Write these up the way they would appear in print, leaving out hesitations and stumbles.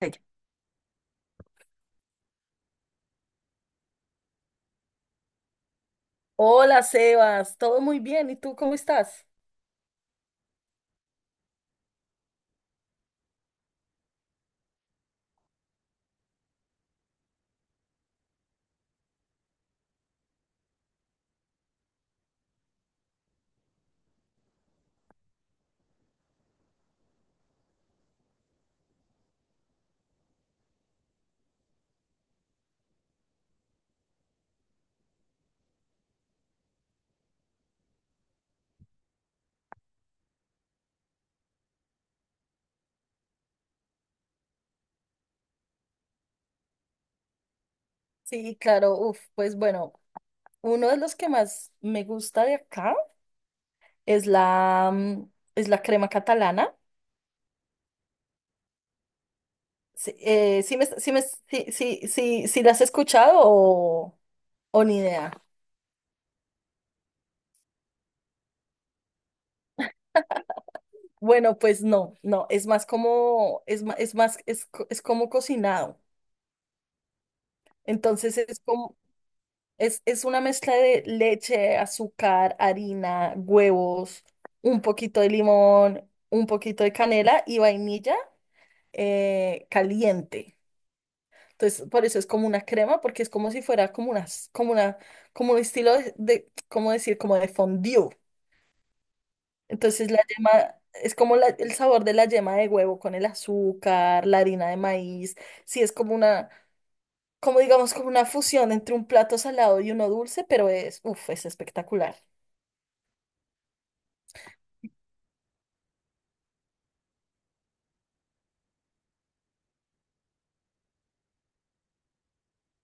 Ella. Hola Sebas, todo muy bien, ¿y tú cómo estás? Sí, claro, uf, pues bueno, uno de los que más me gusta de acá es es la crema catalana. Sí, sí la has escuchado, o, ¿o ni idea? Bueno, pues no, es más como cocinado. Entonces es como, es una mezcla de leche, azúcar, harina, huevos, un poquito de limón, un poquito de canela y vainilla caliente. Entonces, por eso es como una crema, porque es como si fuera como una, como un estilo ¿cómo decir? Como de fondue. Entonces, la yema es como el sabor de la yema de huevo con el azúcar, la harina de maíz. Sí, es como una, como digamos, como una fusión entre un plato salado y uno dulce, pero es, uff, es espectacular.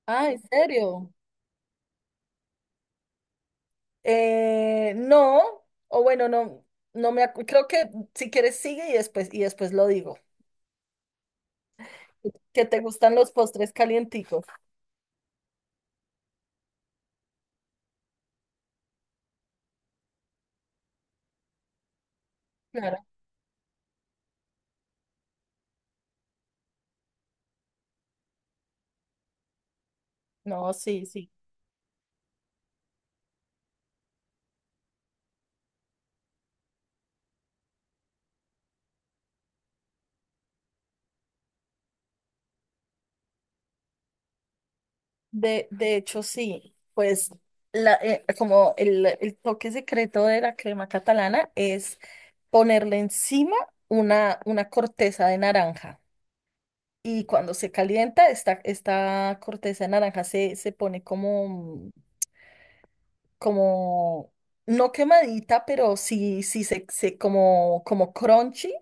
Ah, ¿en serio? No, o bueno, no, no me acu- creo que si quieres sigue y después lo digo. Que te gustan los postres calienticos. Claro. No, sí, sí. De hecho, sí. Pues el toque secreto de la crema catalana es ponerle encima una corteza de naranja. Y cuando se calienta, esta corteza de naranja se pone como, no quemadita, pero como crunchy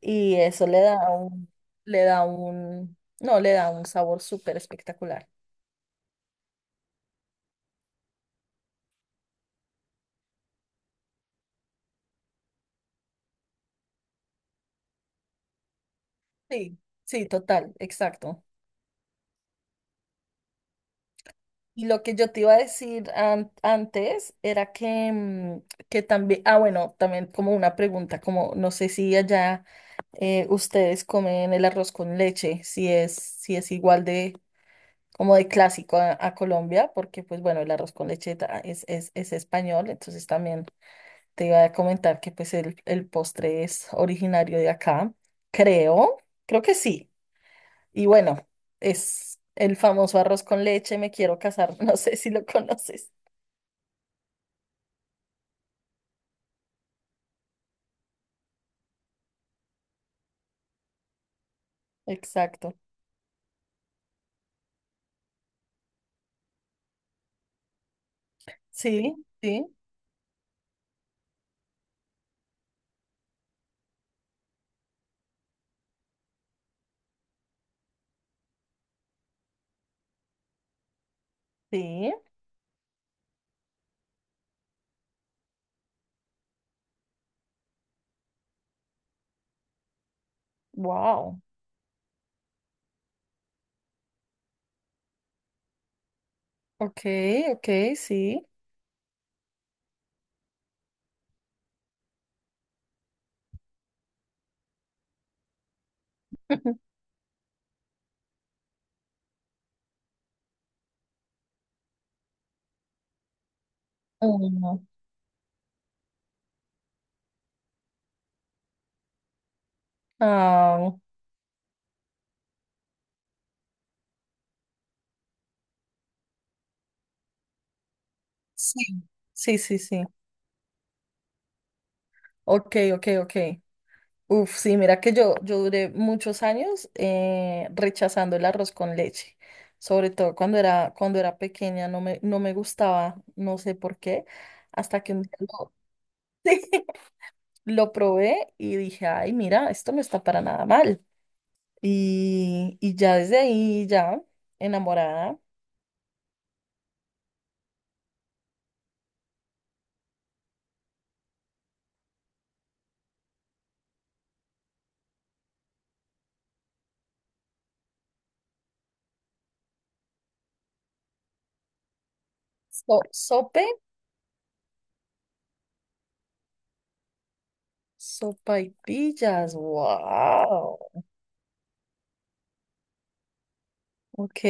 y eso le da un, no, le da un sabor súper espectacular. Sí, sí, total, exacto. Y lo que yo te iba a decir antes era que también, ah, bueno, también como una pregunta, como no sé si allá ustedes comen el arroz con leche, si es igual de como de clásico a Colombia, porque pues bueno, el arroz con leche es español, entonces también te iba a comentar que pues el postre es originario de acá, creo, creo que sí. Y bueno, es el famoso arroz con leche, me quiero casar, no sé si lo conoces. Exacto. Sí, sí, sí. Wow. Ok, ok, sí. Mm. Ah, sí, sí, sí, sí. Ok, ok, ok. Uf, sí, mira que yo duré muchos años rechazando el arroz con leche, sobre todo cuando cuando era pequeña, no me gustaba, no sé por qué, hasta que un día lo probé y dije, ay, mira, esto no está para nada mal. Y ya desde ahí, ya enamorada, so- sope, sopaipillas, wow, ok,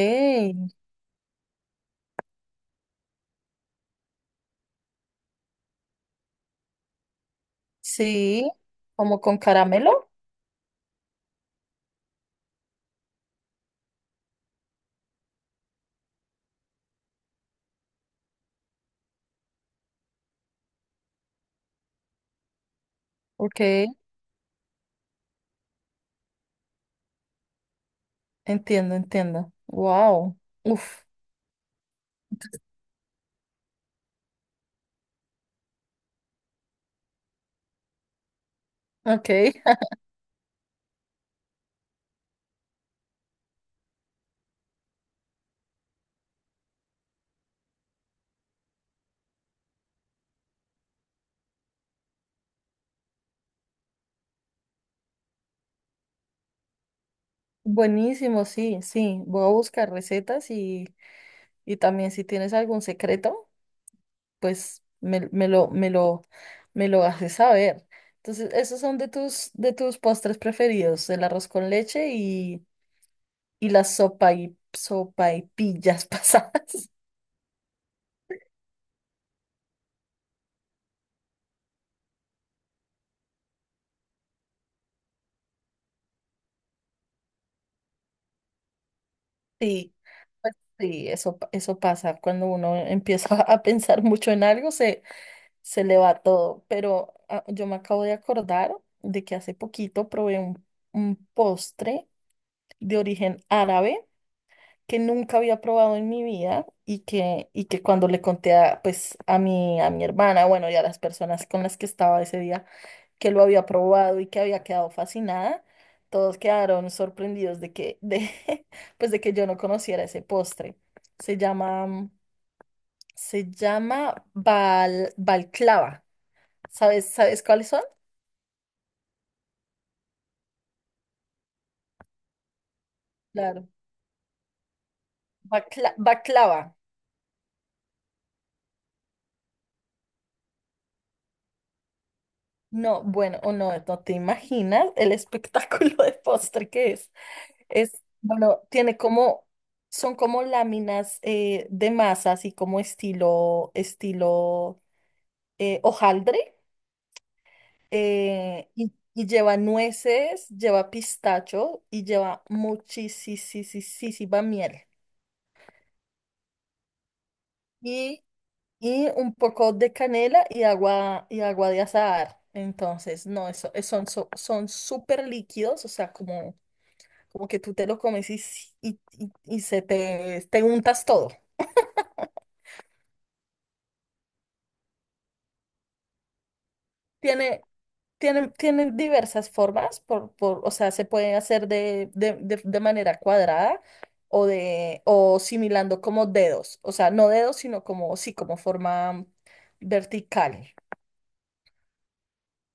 sí, como con caramelo, ok. Entiendo, entiendo. Wow. Uf. Ok. Buenísimo, sí, sí. Voy a buscar recetas y también si tienes algún secreto, pues me lo haces saber. Entonces, esos son de de tus postres preferidos, el arroz con leche y las sopa y, sopa y pillas pasadas. Sí, pues sí, eso pasa. Cuando uno empieza a pensar mucho en algo, se le va todo. Pero ah, yo me acabo de acordar de que hace poquito probé un postre de origen árabe que nunca había probado en mi vida y y que cuando le conté a, pues, a mi hermana, bueno, y a las personas con las que estaba ese día, que lo había probado y que había quedado fascinada, todos quedaron sorprendidos de pues, de que yo no conociera ese postre. Se llama, se llama balclava. ¿Sabes, sabes cuáles son? Claro. Baklava. No, bueno, o no, no te imaginas el espectáculo de postre que es. Es, bueno, tiene como, son como láminas de masa, así como estilo hojaldre, y lleva nueces, lleva pistacho y lleva muchísima miel. Y un poco de canela y agua de azahar. Entonces, no, eso, son súper líquidos, o sea, como, como que tú te lo comes y te untas todo. Tiene, Tiene diversas formas. O sea, se puede hacer de manera cuadrada o similando como dedos, o sea, no dedos, sino como, sí, como forma vertical.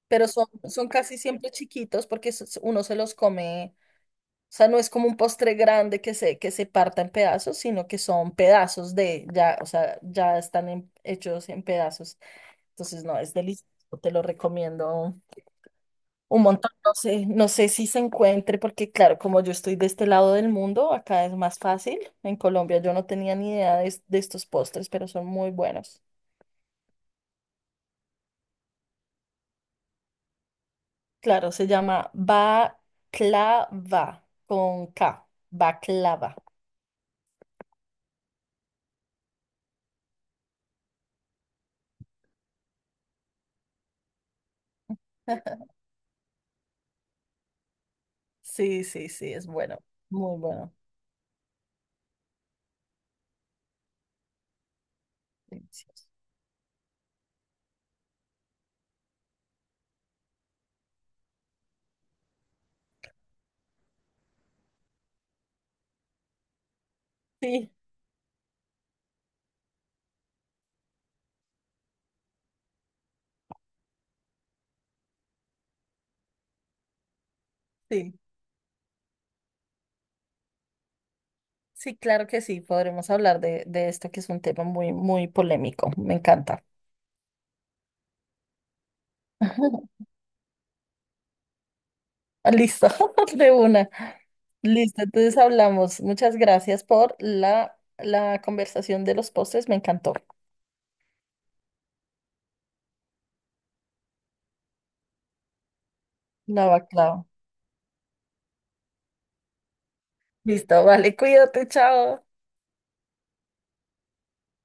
Pero son casi siempre chiquitos porque uno se los come. O sea, no es como un postre grande que que se parta en pedazos, sino que son pedazos de, ya, o sea, ya están hechos en pedazos. Entonces, no, es delicioso, te lo recomiendo un montón. No sé, no sé si se encuentre, porque claro, como yo estoy de este lado del mundo, acá es más fácil. En Colombia yo no tenía ni idea de, de estos postres, pero son muy buenos. Claro, se llama baklava, con K, baklava. Sí, sí, sí, es bueno, muy bueno, delicioso. Sí, sí, sí, claro que sí, podremos hablar de esto que es un tema muy, muy polémico, me encanta. Listo, de una. Listo, entonces hablamos. Muchas gracias por la conversación de los postres, me encantó. La baclava. Listo, vale, cuídate, chao.